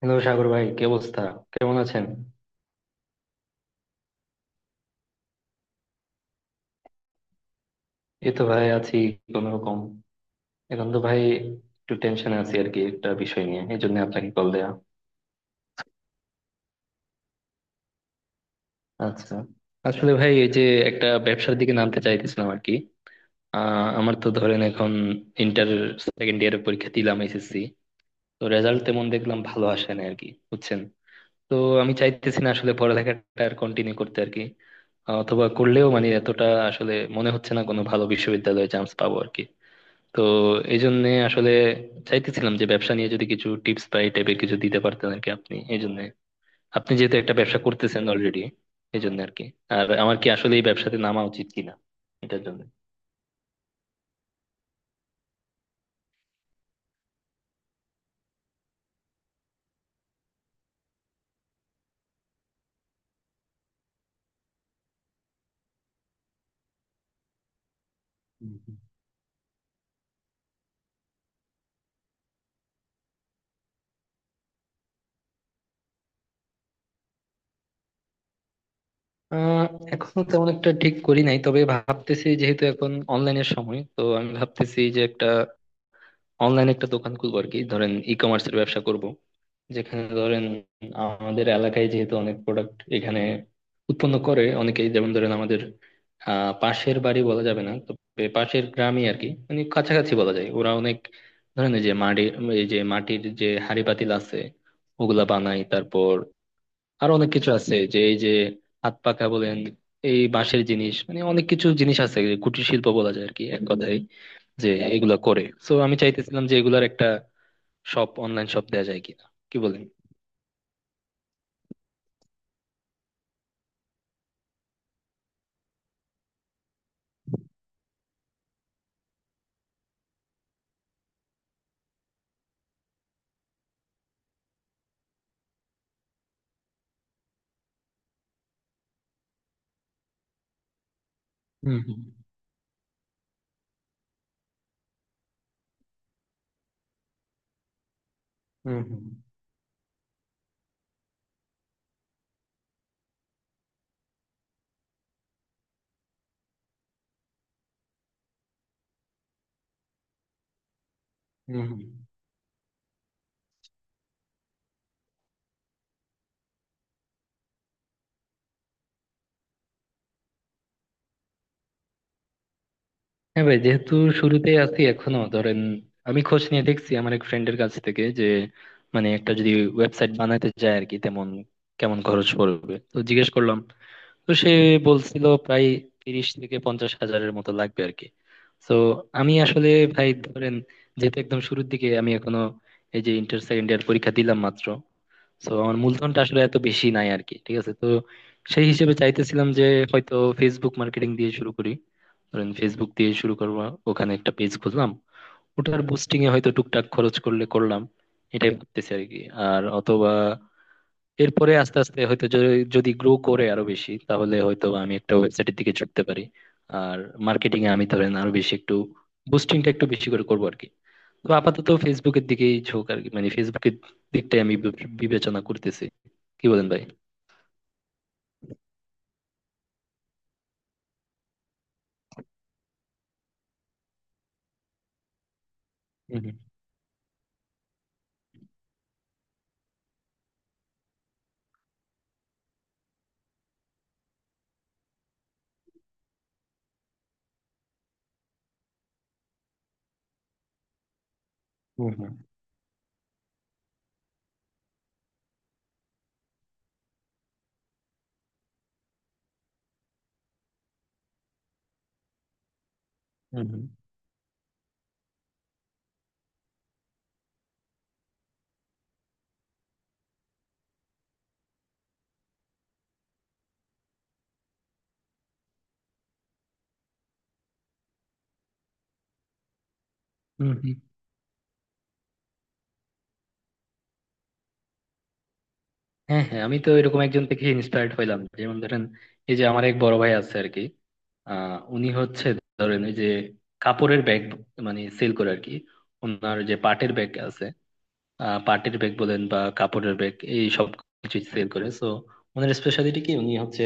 Hello Sagar ভাই, কি অবস্থা? কেমন আছেন? এই তো ভাই আছি, কোন রকম। এখন তো ভাই একটু টেনশনে আছি আর কি, একটা বিষয় নিয়ে, এই জন্য আপনাকে কল দেয়া। আচ্ছা, আসলে ভাই এই যে একটা ব্যবসার দিকে নামতে চাইতেছিলাম আর কি। আমার তো ধরেন এখন ইন্টার সেকেন্ড ইয়ারের পরীক্ষা দিলাম এসএসসি। তো রেজাল্ট তেমন দেখলাম ভালো আসে না আর কি, বুঝছেন? তো আমি চাইতেছি না আসলে পড়ালেখাটা আর কন্টিনিউ করতে আর কি, অথবা করলেও মানে এতটা আসলে মনে হচ্ছে না কোনো ভালো বিশ্ববিদ্যালয়ে চান্স পাবো আর কি। তো এই জন্য আসলে চাইতেছিলাম যে ব্যবসা নিয়ে যদি কিছু টিপস বা এই টাইপের কিছু দিতে পারতেন আর কি আপনি, এই জন্য। আপনি যেহেতু একটা ব্যবসা করতেছেন অলরেডি, এই জন্য আর কি। আর আমার কি আসলে এই ব্যবসাতে নামা উচিত কিনা, এটার জন্য। হুম, হুম। আহ এখনো তেমন একটা ঠিক করি নাই, তবে ভাবতেছি যেহেতু এখন অনলাইনের সময় তো আমি ভাবতেছি যে একটা অনলাইন একটা দোকান খুলবো আর কি, ধরেন ই কমার্সের ব্যবসা করব। যেখানে ধরেন আমাদের এলাকায় যেহেতু অনেক প্রোডাক্ট এখানে উৎপন্ন করে অনেকেই, যেমন ধরেন আমাদের পাশের বাড়ি বলা যাবে না তবে পাশের গ্রামই আর কি, মানে কাছাকাছি বলা যায়, ওরা অনেক ধরেন এই যে মাটি, এই যে মাটির যে হাঁড়ি পাতিল আছে ওগুলা বানায়, তারপর আরো অনেক কিছু আছে যে এই যে হাত পাখা বলেন, এই বাঁশের জিনিস, মানে অনেক কিছু জিনিস আছে যে কুটির শিল্প বলা যায় আর কি এক কথায়, যে এগুলা করে। তো আমি চাইতেছিলাম যে এগুলার একটা শপ, অনলাইন শপ দেওয়া যায় কিনা, কি বলেন? হম, হম। হম, হম। হ্যাঁ ভাই, যেহেতু শুরুতে আছি এখনো, ধরেন আমি খোঁজ নিয়ে দেখছি আমার এক ফ্রেন্ডের কাছ থেকে যে মানে একটা যদি ওয়েবসাইট বানাতে যায় আর কি তেমন কেমন খরচ পড়বে, তো জিজ্ঞেস করলাম। তো সে বলছিল প্রায় 30 থেকে 50 হাজারের মতো লাগবে আর কি। তো আমি আসলে ভাই ধরেন যেহেতু একদম শুরুর দিকে আমি, এখনো এই যে ইন্টার সেকেন্ড ইয়ার পরীক্ষা দিলাম মাত্র, তো আমার মূলধনটা আসলে এত বেশি নাই আর কি, ঠিক আছে? তো সেই হিসেবে চাইতেছিলাম যে হয়তো ফেসবুক মার্কেটিং দিয়ে শুরু করি। ধরেন ফেসবুক দিয়ে শুরু করবো, ওখানে একটা পেজ খুললাম, ওটার বুস্টিং এ হয়তো টুকটাক খরচ করলে করলাম, এটাই ভাবতেছি আর কি। আর অথবা এরপরে আস্তে আস্তে হয়তো যদি গ্রো করে আরো বেশি, তাহলে হয়তো আমি একটা ওয়েবসাইটের দিকে ঝুঁকতে পারি। আর মার্কেটিং এ আমি ধরেন আরো বেশি একটু বুস্টিংটা একটু বেশি করে করবো আর কি। তো আপাতত ফেসবুকের দিকেই ঝোঁক আর কি, মানে ফেসবুকের দিকটাই আমি বিবেচনা করতেছি। কি বলেন ভাই? হুম, হুম। হম, হম। হম, হম। হুম, হুম। হ্যাঁ হ্যাঁ, আমি তো এরকম একজন থেকে ইন্সপায়ার্ড হইলাম, যেমন ধরেন এই যে আমার এক বড় ভাই আছে আর কি। উনি হচ্ছে ধরেন ওই যে কাপড়ের ব্যাগ মানে সেল করে আর কি, ওনার যে পাটের ব্যাগ আছে। পার্টির ব্যাগ বলেন বা কাপড়ের ব্যাগ, এই সব কিছু সেল করে। সো ওনার স্পেশালিটি কি, উনি হচ্ছে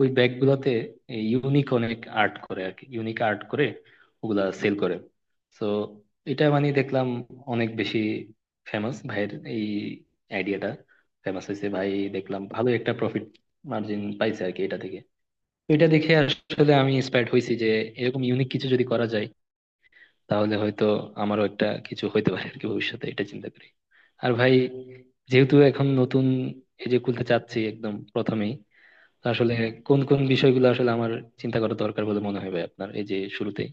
ওই ব্যাগ গুলাতে ইউনিক অনেক আর্ট করে আর কি, ইউনিক আর্ট করে ওগুলা সেল করে। সো এটা মানে দেখলাম অনেক বেশি ফেমাস, ভাইয়ের এই আইডিয়াটা ফেমাস হয়েছে ভাই। দেখলাম ভালো একটা প্রফিট মার্জিন পাইছে আর কি এটা থেকে। তো এটা দেখে আসলে আমি ইন্সপায়ার্ড হয়েছি যে এরকম ইউনিক কিছু যদি করা যায়, তাহলে হয়তো আমারও একটা কিছু হইতে পারে আর কি ভবিষ্যতে, এটা চিন্তা করি। আর ভাই যেহেতু এখন নতুন, এই যে খুলতে চাচ্ছি একদম প্রথমেই, তো আসলে কোন কোন বিষয়গুলো আসলে আমার চিন্তা করা দরকার বলে মনে হয় ভাই আপনার, এই যে শুরুতেই।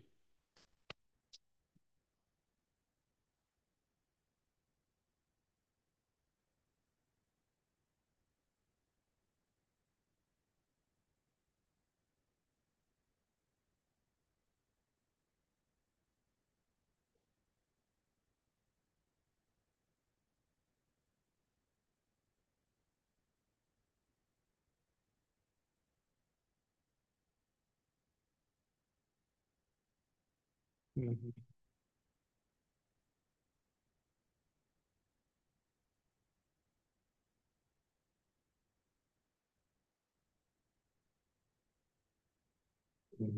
হুম, হুম,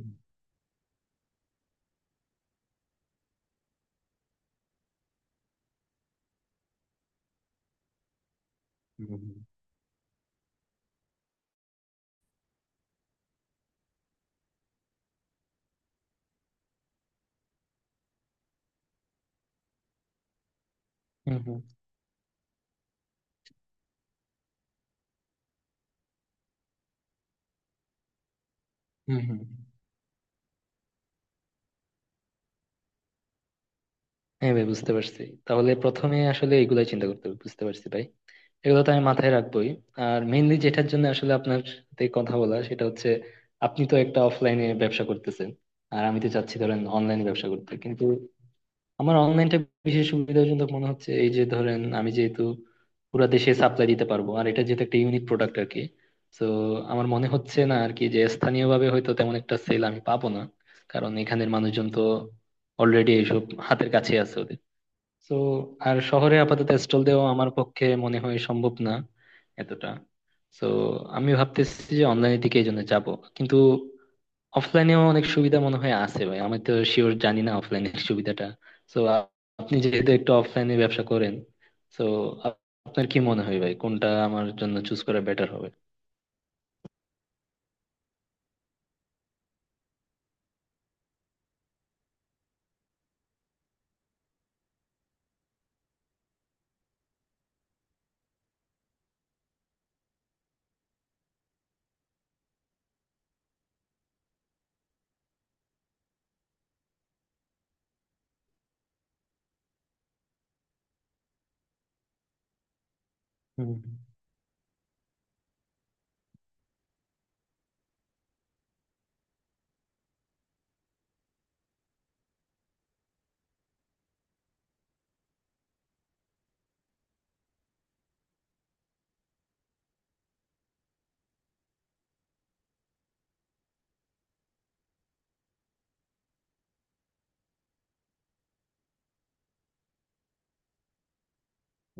হুম। হুম, হুম, হুম। হুম, হুম, হুম। হ্যাঁ ভাই, বুঝতে পারছি। তাহলে প্রথমে আসলে এগুলাই চিন্তা করতে হবে, বুঝতে পারছি ভাই। এগুলো তো আমি মাথায় রাখবোই। আর মেইনলি যেটার জন্য আসলে আপনার সাথে কথা বলা সেটা হচ্ছে, আপনি তো একটা অফলাইনে ব্যবসা করতেছেন, আর আমি তো চাচ্ছি ধরেন অনলাইনে ব্যবসা করতে। কিন্তু আমার অনলাইনটা বিশেষ সুবিধাজনক মনে হচ্ছে, এই যে ধরেন আমি যেহেতু পুরো দেশে সাপ্লাই দিতে পারবো, আর এটা যেহেতু একটা ইউনিক প্রোডাক্ট আর কি। তো আমার মনে হচ্ছে না আর কি যে স্থানীয়ভাবে হয়তো তেমন একটা সেল আমি পাবো না, কারণ এখানের মানুষজন তো অলরেডি এইসব হাতের কাছে আছে ওদের। তো আর শহরে আপাতত স্টল দেওয়া আমার পক্ষে মনে হয় সম্ভব না এতটা। তো আমি ভাবতেছি যে অনলাইনের দিকে এই জন্য যাবো, কিন্তু অফলাইনেও অনেক সুবিধা মনে হয় আছে ভাই, আমি তো শিওর জানি না অফলাইনের সুবিধাটা। তো আপনি যেহেতু একটু অফলাইনে ব্যবসা করেন, তো আপনার কি মনে হয় ভাই, কোনটা আমার জন্য চুজ করা বেটার হবে? হুম।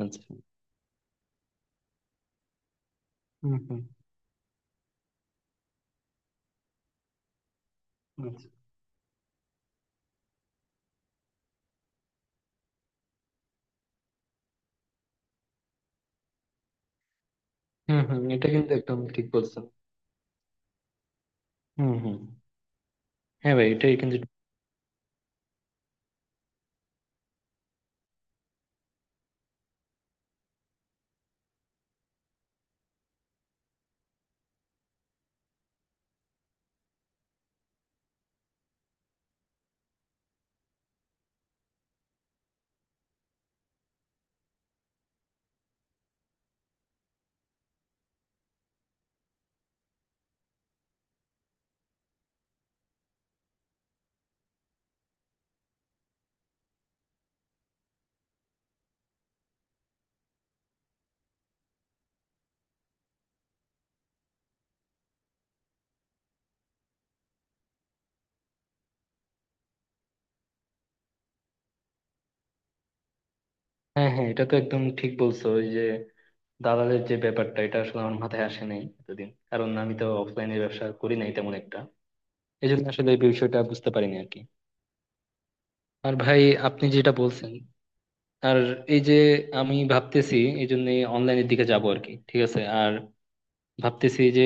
আচ্ছা। হুম, হুম। আচ্ছা। হুম, হুম, এটা কিন্তু একদম ঠিক বলছো। হুম, হুম। হ্যাঁ ভাই, এটাই কিন্তু। হ্যাঁ হ্যাঁ, এটা তো একদম ঠিক বলছো। ওই যে দালালের যে ব্যাপারটা, এটা আসলে আমার মাথায় আসে নাই এতদিন, কারণ আমি তো অফলাইনে ব্যবসা করি নাই তেমন একটা, এই জন্য আসলে এই বিষয়টা বুঝতে পারিনি আর কি। আর ভাই আপনি যেটা বলছেন, আর এই যে আমি ভাবতেছি এই জন্য অনলাইনের দিকে যাব আর কি, ঠিক আছে। আর ভাবতেছি যে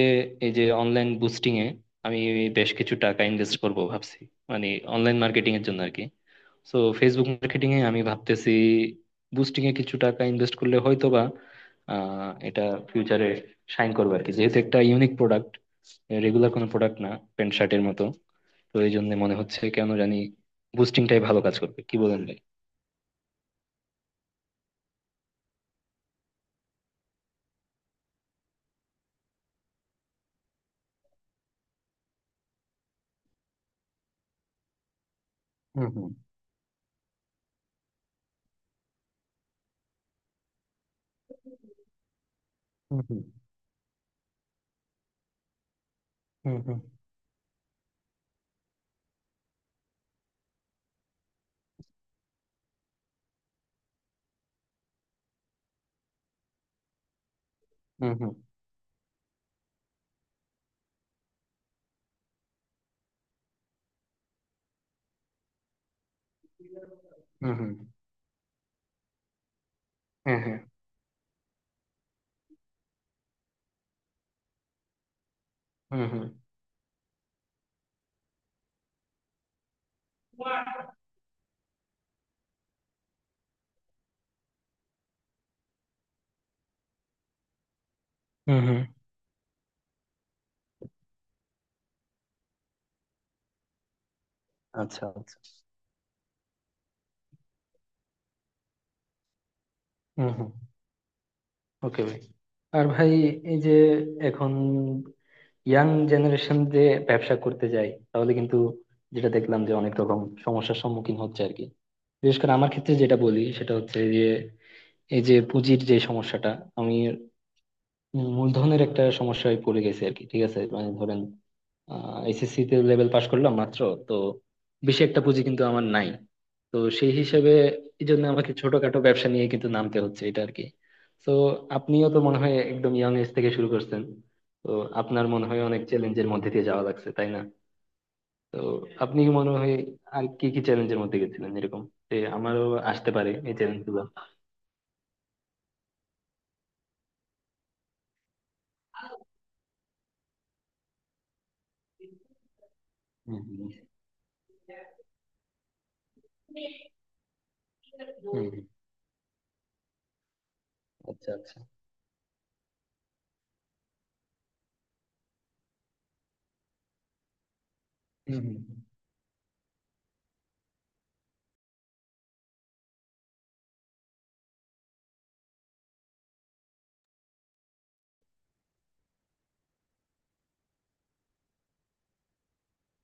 এই যে অনলাইন বুস্টিং এ আমি বেশ কিছু টাকা ইনভেস্ট করব ভাবছি, মানে অনলাইন মার্কেটিং এর জন্য আর কি। সো ফেসবুক মার্কেটিং এ আমি ভাবতেছি বুস্টিং এ কিছু টাকা ইনভেস্ট করলে হয়তো বা এটা ফিউচারে শাইন করবে আর কি, যেহেতু একটা ইউনিক প্রোডাক্ট, রেগুলার কোনো প্রোডাক্ট না প্যান্ট শার্টের মতো। তো এই জন্য মনে হচ্ছে কেন জানি বুস্টিংটাই ভালো কাজ করবে, কি বলেন ভাই? হুম, হুম, হুম, হুম। হুম, হুম, হুম, হুম, হুম, হুম। হ্যাঁ হ্যাঁ। হুম, হুম, হুম, হুম। আচ্ছা, আচ্ছা। হুম, হুম। ওকে ভাই। আর ভাই এই যে এখন ইয়াং জেনারেশন যে ব্যবসা করতে যায়, তাহলে কিন্তু যেটা দেখলাম যে অনেক রকম সমস্যার সম্মুখীন হচ্ছে আর কি। বিশেষ করে আমার ক্ষেত্রে যেটা বলি সেটা হচ্ছে যে এই যে পুঁজির যে সমস্যাটা, আমি মূলধনের একটা সমস্যায় পড়ে গেছে আর কি, ঠিক আছে? মানে ধরেন এসএসসি তে লেভেল পাস করলাম মাত্র, তো বেশি একটা পুঁজি কিন্তু আমার নাই। তো সেই হিসেবে এই জন্য আমাকে ছোটখাটো ব্যবসা নিয়ে কিন্তু নামতে হচ্ছে এটা আর কি। তো আপনিও তো মনে হয় একদম ইয়াং এজ থেকে শুরু করছেন, তো আপনার মনে হয় অনেক চ্যালেঞ্জের মধ্যে দিয়ে যাওয়া লাগছে তাই না? তো আপনি মনে হয় আর কি কি চ্যালেঞ্জের মধ্যে গেছিলেন এরকম, যে আমারও আসতে পারে এই চ্যালেঞ্জ গুলো? হম, হম, হম। আচ্ছা, আচ্ছা। হম,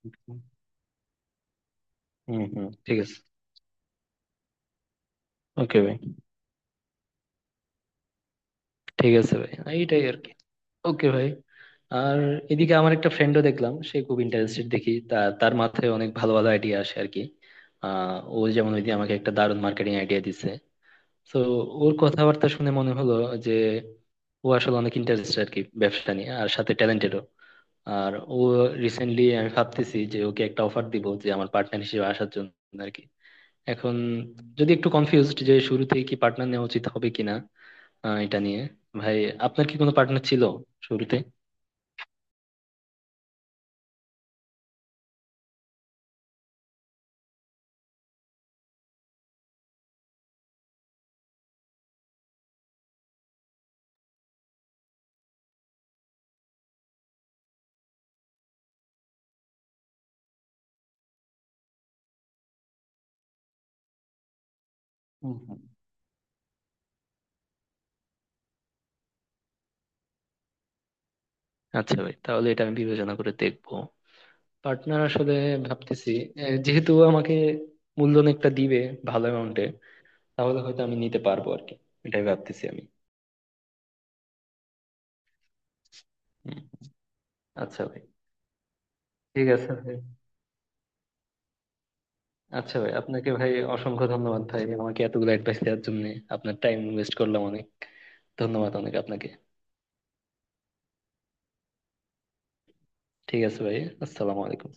হম। হুম, হুম, ঠিক আছে। ওকে ভাই। ঠিক আছে ভাই, হ্যাঁ, এইটাই আর কি। ওকে ভাই। আর এদিকে আমার একটা ফ্রেন্ডও দেখলাম সে খুব ইন্টারেস্টেড, দেখি তার মাথায় অনেক ভালো ভালো আইডিয়া আসে আর কি। ও যেমন ওইদিন আমাকে একটা দারুণ মার্কেটিং আইডিয়া দিছে। তো ওর কথাবার্তা শুনে মনে হলো যে ও আসলে অনেক ইন্টারেস্টেড আর কি ব্যবসা নিয়ে, আর সাথে ট্যালেন্টেডও। আর ও রিসেন্টলি, আমি ভাবতেছি যে ওকে একটা অফার দিব যে আমার পার্টনার হিসেবে আসার জন্য আর কি। এখন যদি একটু কনফিউজড যে শুরুতেই কি পার্টনার নেওয়া উচিত হবে কিনা, আহ, এটা নিয়ে। ভাই আপনার কি কোনো পার্টনার ছিল শুরুতে? হুম, হুম। আচ্ছা ভাই, তাহলে এটা আমি বিবেচনা করে দেখবো পার্টনার আসলে। ভাবতেছি, আহ, যেহেতু আমাকে মূলধন একটা দিবে ভালো অ্যামাউন্টে, তাহলে হয়তো আমি নিতে পারবো আর কি। এটাই ভাবতেছি আমি। হুম। আচ্ছা ভাই। ঠিক আছে ভাই। আচ্ছা ভাই, আপনাকে ভাই অসংখ্য ধন্যবাদ ভাই আমাকে এতগুলো অ্যাডভাইস দেওয়ার জন্য। আপনার টাইম ওয়েস্ট করলাম অনেক, ধন্যবাদ অনেক আপনাকে। ঠিক আছে ভাই। আসসালামু আলাইকুম।